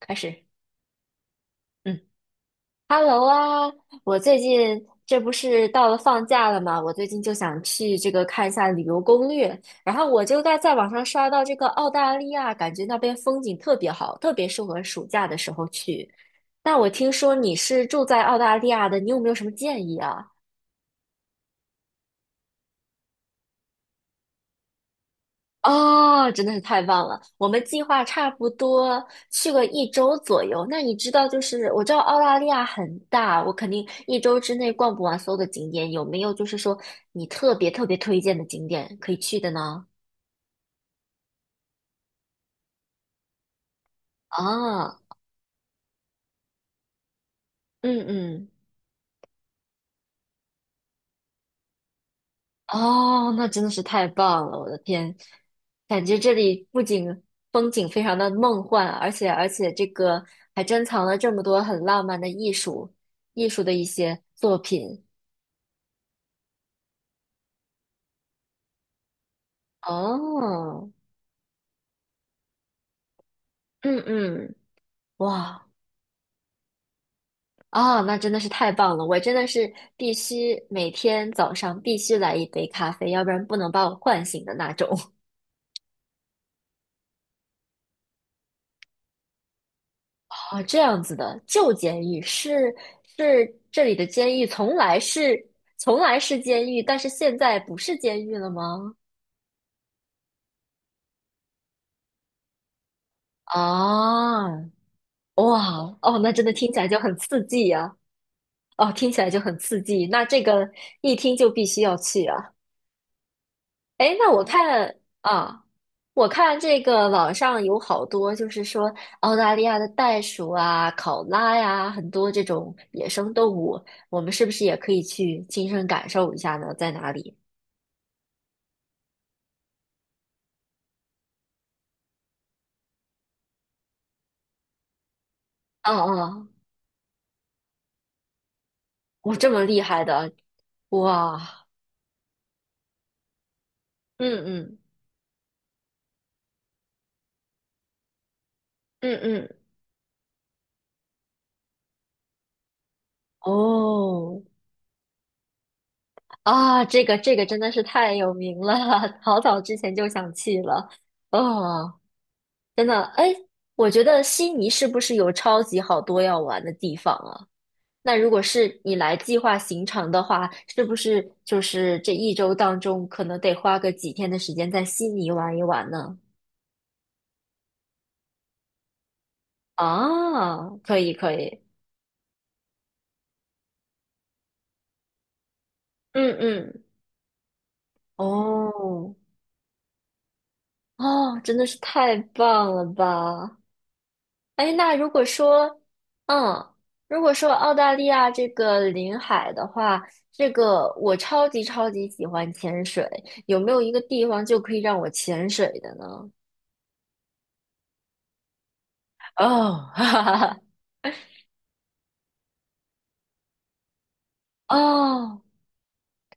开始，嗯，Hello 啊，我最近这不是到了放假了吗？我最近就想去这个看一下旅游攻略，然后我就在网上刷到这个澳大利亚，感觉那边风景特别好，特别适合暑假的时候去。那我听说你是住在澳大利亚的，你有没有什么建议啊？哦，真的是太棒了！我们计划差不多去个一周左右。那你知道，就是我知道澳大利亚很大，我肯定一周之内逛不完所有的景点。有没有就是说你特别特别推荐的景点可以去的呢？啊，嗯嗯，哦，那真的是太棒了！我的天，感觉这里不仅风景非常的梦幻，而且这个还珍藏了这么多很浪漫的艺术的一些作品。哦，嗯嗯，哇啊，那真的是太棒了！我真的是必须每天早上必须来一杯咖啡，要不然不能把我唤醒的那种。哦，这样子的，旧监狱是这里的监狱，从来是监狱，但是现在不是监狱了吗？啊，哇哦，那真的听起来就很刺激呀、哦，听起来就很刺激，那这个一听就必须要去啊。哎，那我看啊，我看这个网上有好多，就是说澳大利亚的袋鼠啊、考拉呀、很多这种野生动物，我们是不是也可以去亲身感受一下呢？在哪里？嗯嗯，我这么厉害的，哇，嗯嗯嗯嗯，哦啊，这个真的是太有名了，好早之前就想去了，哦。真的，哎，我觉得悉尼是不是有超级好多要玩的地方啊？那如果是你来计划行程的话，是不是就是这一周当中可能得花个几天的时间在悉尼玩一玩呢？啊，可以可以，嗯嗯，哦哦，真的是太棒了吧！哎，那如果说，嗯，如果说澳大利亚这个临海的话，这个我超级超级喜欢潜水，有没有一个地方就可以让我潜水的呢？哦，哈哈哈，哦，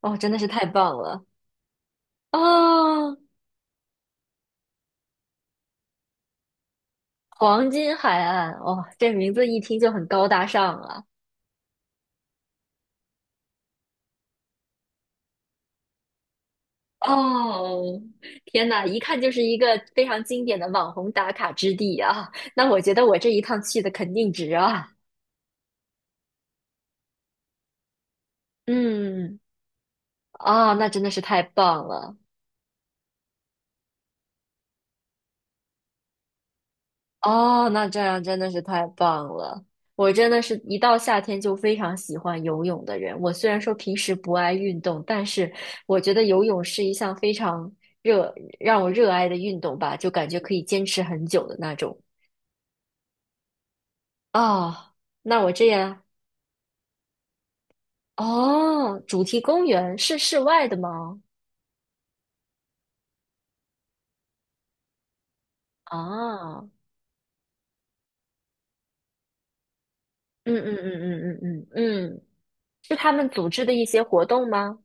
哦，真的是太棒了！哦，黄金海岸，哇哦，这名字一听就很高大上啊！哦，天哪，一看就是一个非常经典的网红打卡之地啊！那我觉得我这一趟去的肯定值啊！嗯。啊，那真的是太棒了！哦，那这样真的是太棒了。我真的是一到夏天就非常喜欢游泳的人。我虽然说平时不爱运动，但是我觉得游泳是一项非常让我热爱的运动吧，就感觉可以坚持很久的那种。啊，那我这样，哦，主题公园是室外的吗？啊，嗯嗯嗯嗯嗯嗯嗯，是他们组织的一些活动吗？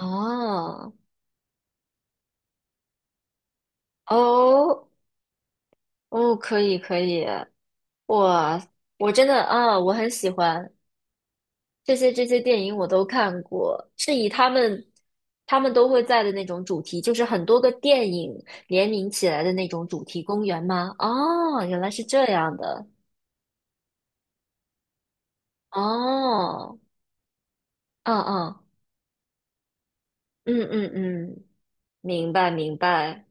哦哦，哦，可以可以，我我真的啊，我很喜欢这些电影，我都看过，是以他们都会在的那种主题，就是很多个电影联名起来的那种主题公园吗？哦，原来是这样的，哦，嗯嗯嗯嗯嗯，明白明白。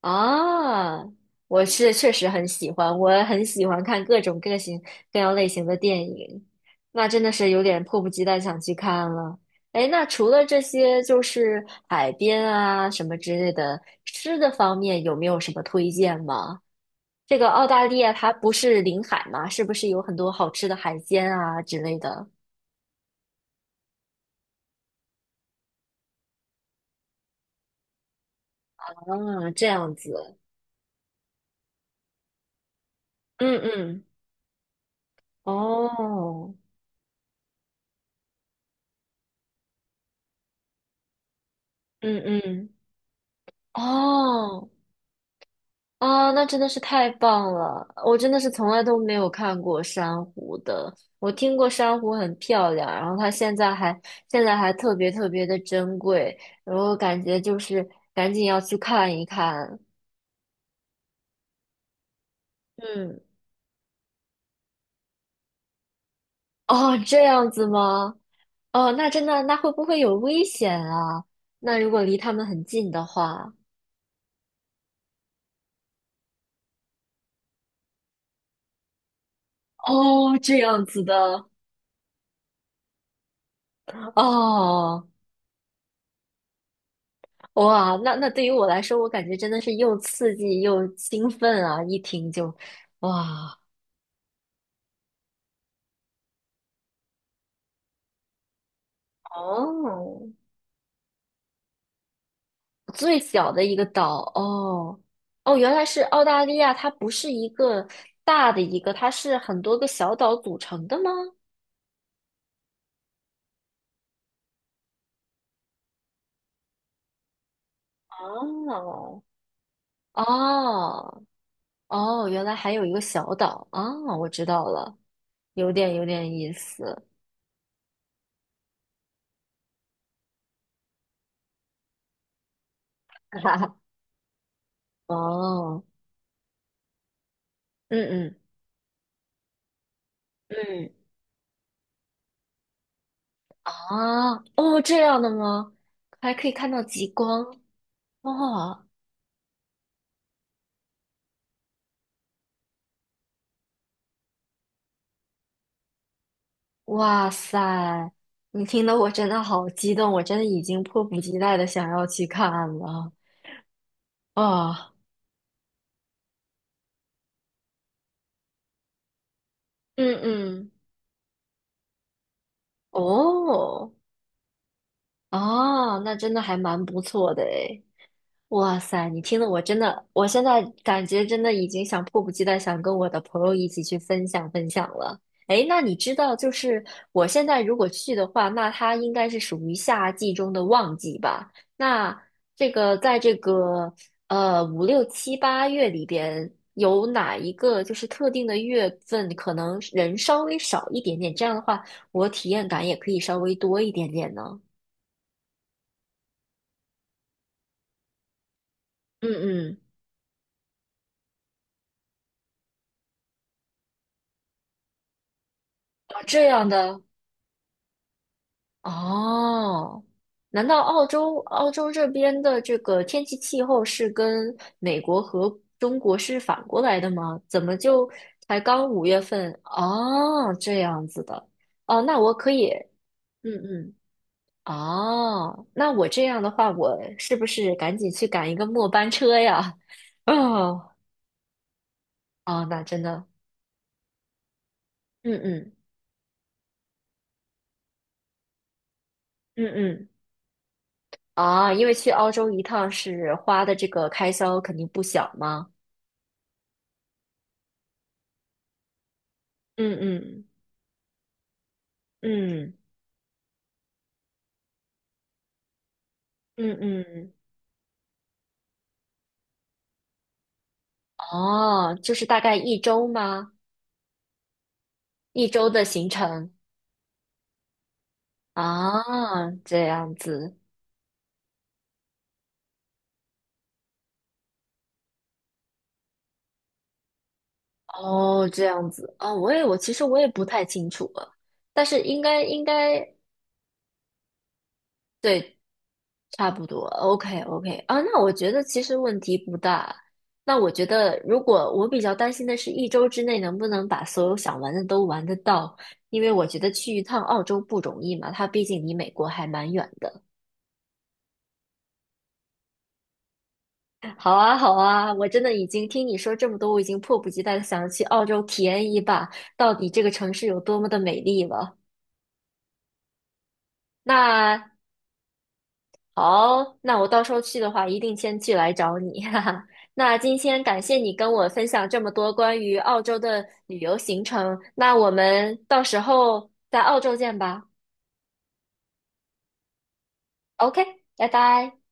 啊，我是确实很喜欢，我很喜欢看各样类型的电影，那真的是有点迫不及待想去看了。哎，那除了这些，就是海边啊什么之类的，吃的方面有没有什么推荐吗？这个澳大利亚它不是临海吗？是不是有很多好吃的海鲜啊之类的？啊，这样子，嗯嗯，哦，嗯嗯，哦。啊，那真的是太棒了！我真的是从来都没有看过珊瑚的。我听过珊瑚很漂亮，然后它现在还特别特别的珍贵，然后感觉就是赶紧要去看一看。嗯，哦，这样子吗？哦，那真的，那会不会有危险啊？那如果离它们很近的话，哦，这样子的，哦。哇，那对于我来说，我感觉真的是又刺激又兴奋啊！一听就，哇，哦，最小的一个岛，哦哦，原来是澳大利亚，它不是一个大的一个，它是很多个小岛组成的吗？哦，哦哦，原来还有一个小岛啊，我知道了，有点意思，哈哈，哦，嗯嗯。嗯。啊，哦，这样的吗？还可以看到极光哦！哇塞，你听得我真的好激动，我真的已经迫不及待的想要去看了啊！嗯嗯，哦，啊，那真的还蛮不错的诶。哇塞，你听得我真的，我现在感觉真的已经想迫不及待想跟我的朋友一起去分享分享了。诶，那你知道，就是我现在如果去的话，那它应该是属于夏季中的旺季吧？那这个在这个五六七八月里边，有哪一个就是特定的月份可能人稍微少一点点？这样的话，我体验感也可以稍微多一点点呢。嗯嗯，这样的。哦，难道澳洲这边的这个天气气候是跟美国和中国是反过来的吗？怎么就才刚五月份？哦，这样子的。哦，那我可以，嗯嗯，哦，那我这样的话，我是不是赶紧去赶一个末班车呀？哦，哦，那真的，嗯嗯嗯嗯，啊，因为去澳洲一趟是花的这个开销肯定不小嘛。嗯嗯。嗯嗯嗯，哦，就是大概一周吗？一周的行程啊，这样子，哦，这样子，啊，我其实我也不太清楚了，但是应该对，差不多，OK OK 啊，那我觉得其实问题不大。那我觉得，如果我比较担心的是一周之内能不能把所有想玩的都玩得到，因为我觉得去一趟澳洲不容易嘛，它毕竟离美国还蛮远的。好啊，好啊，我真的已经听你说这么多，我已经迫不及待的想去澳洲体验一把，到底这个城市有多么的美丽了。那好，那我到时候去的话，一定先去来找你，哈哈。那今天感谢你跟我分享这么多关于澳洲的旅游行程，那我们到时候在澳洲见吧。OK，拜拜。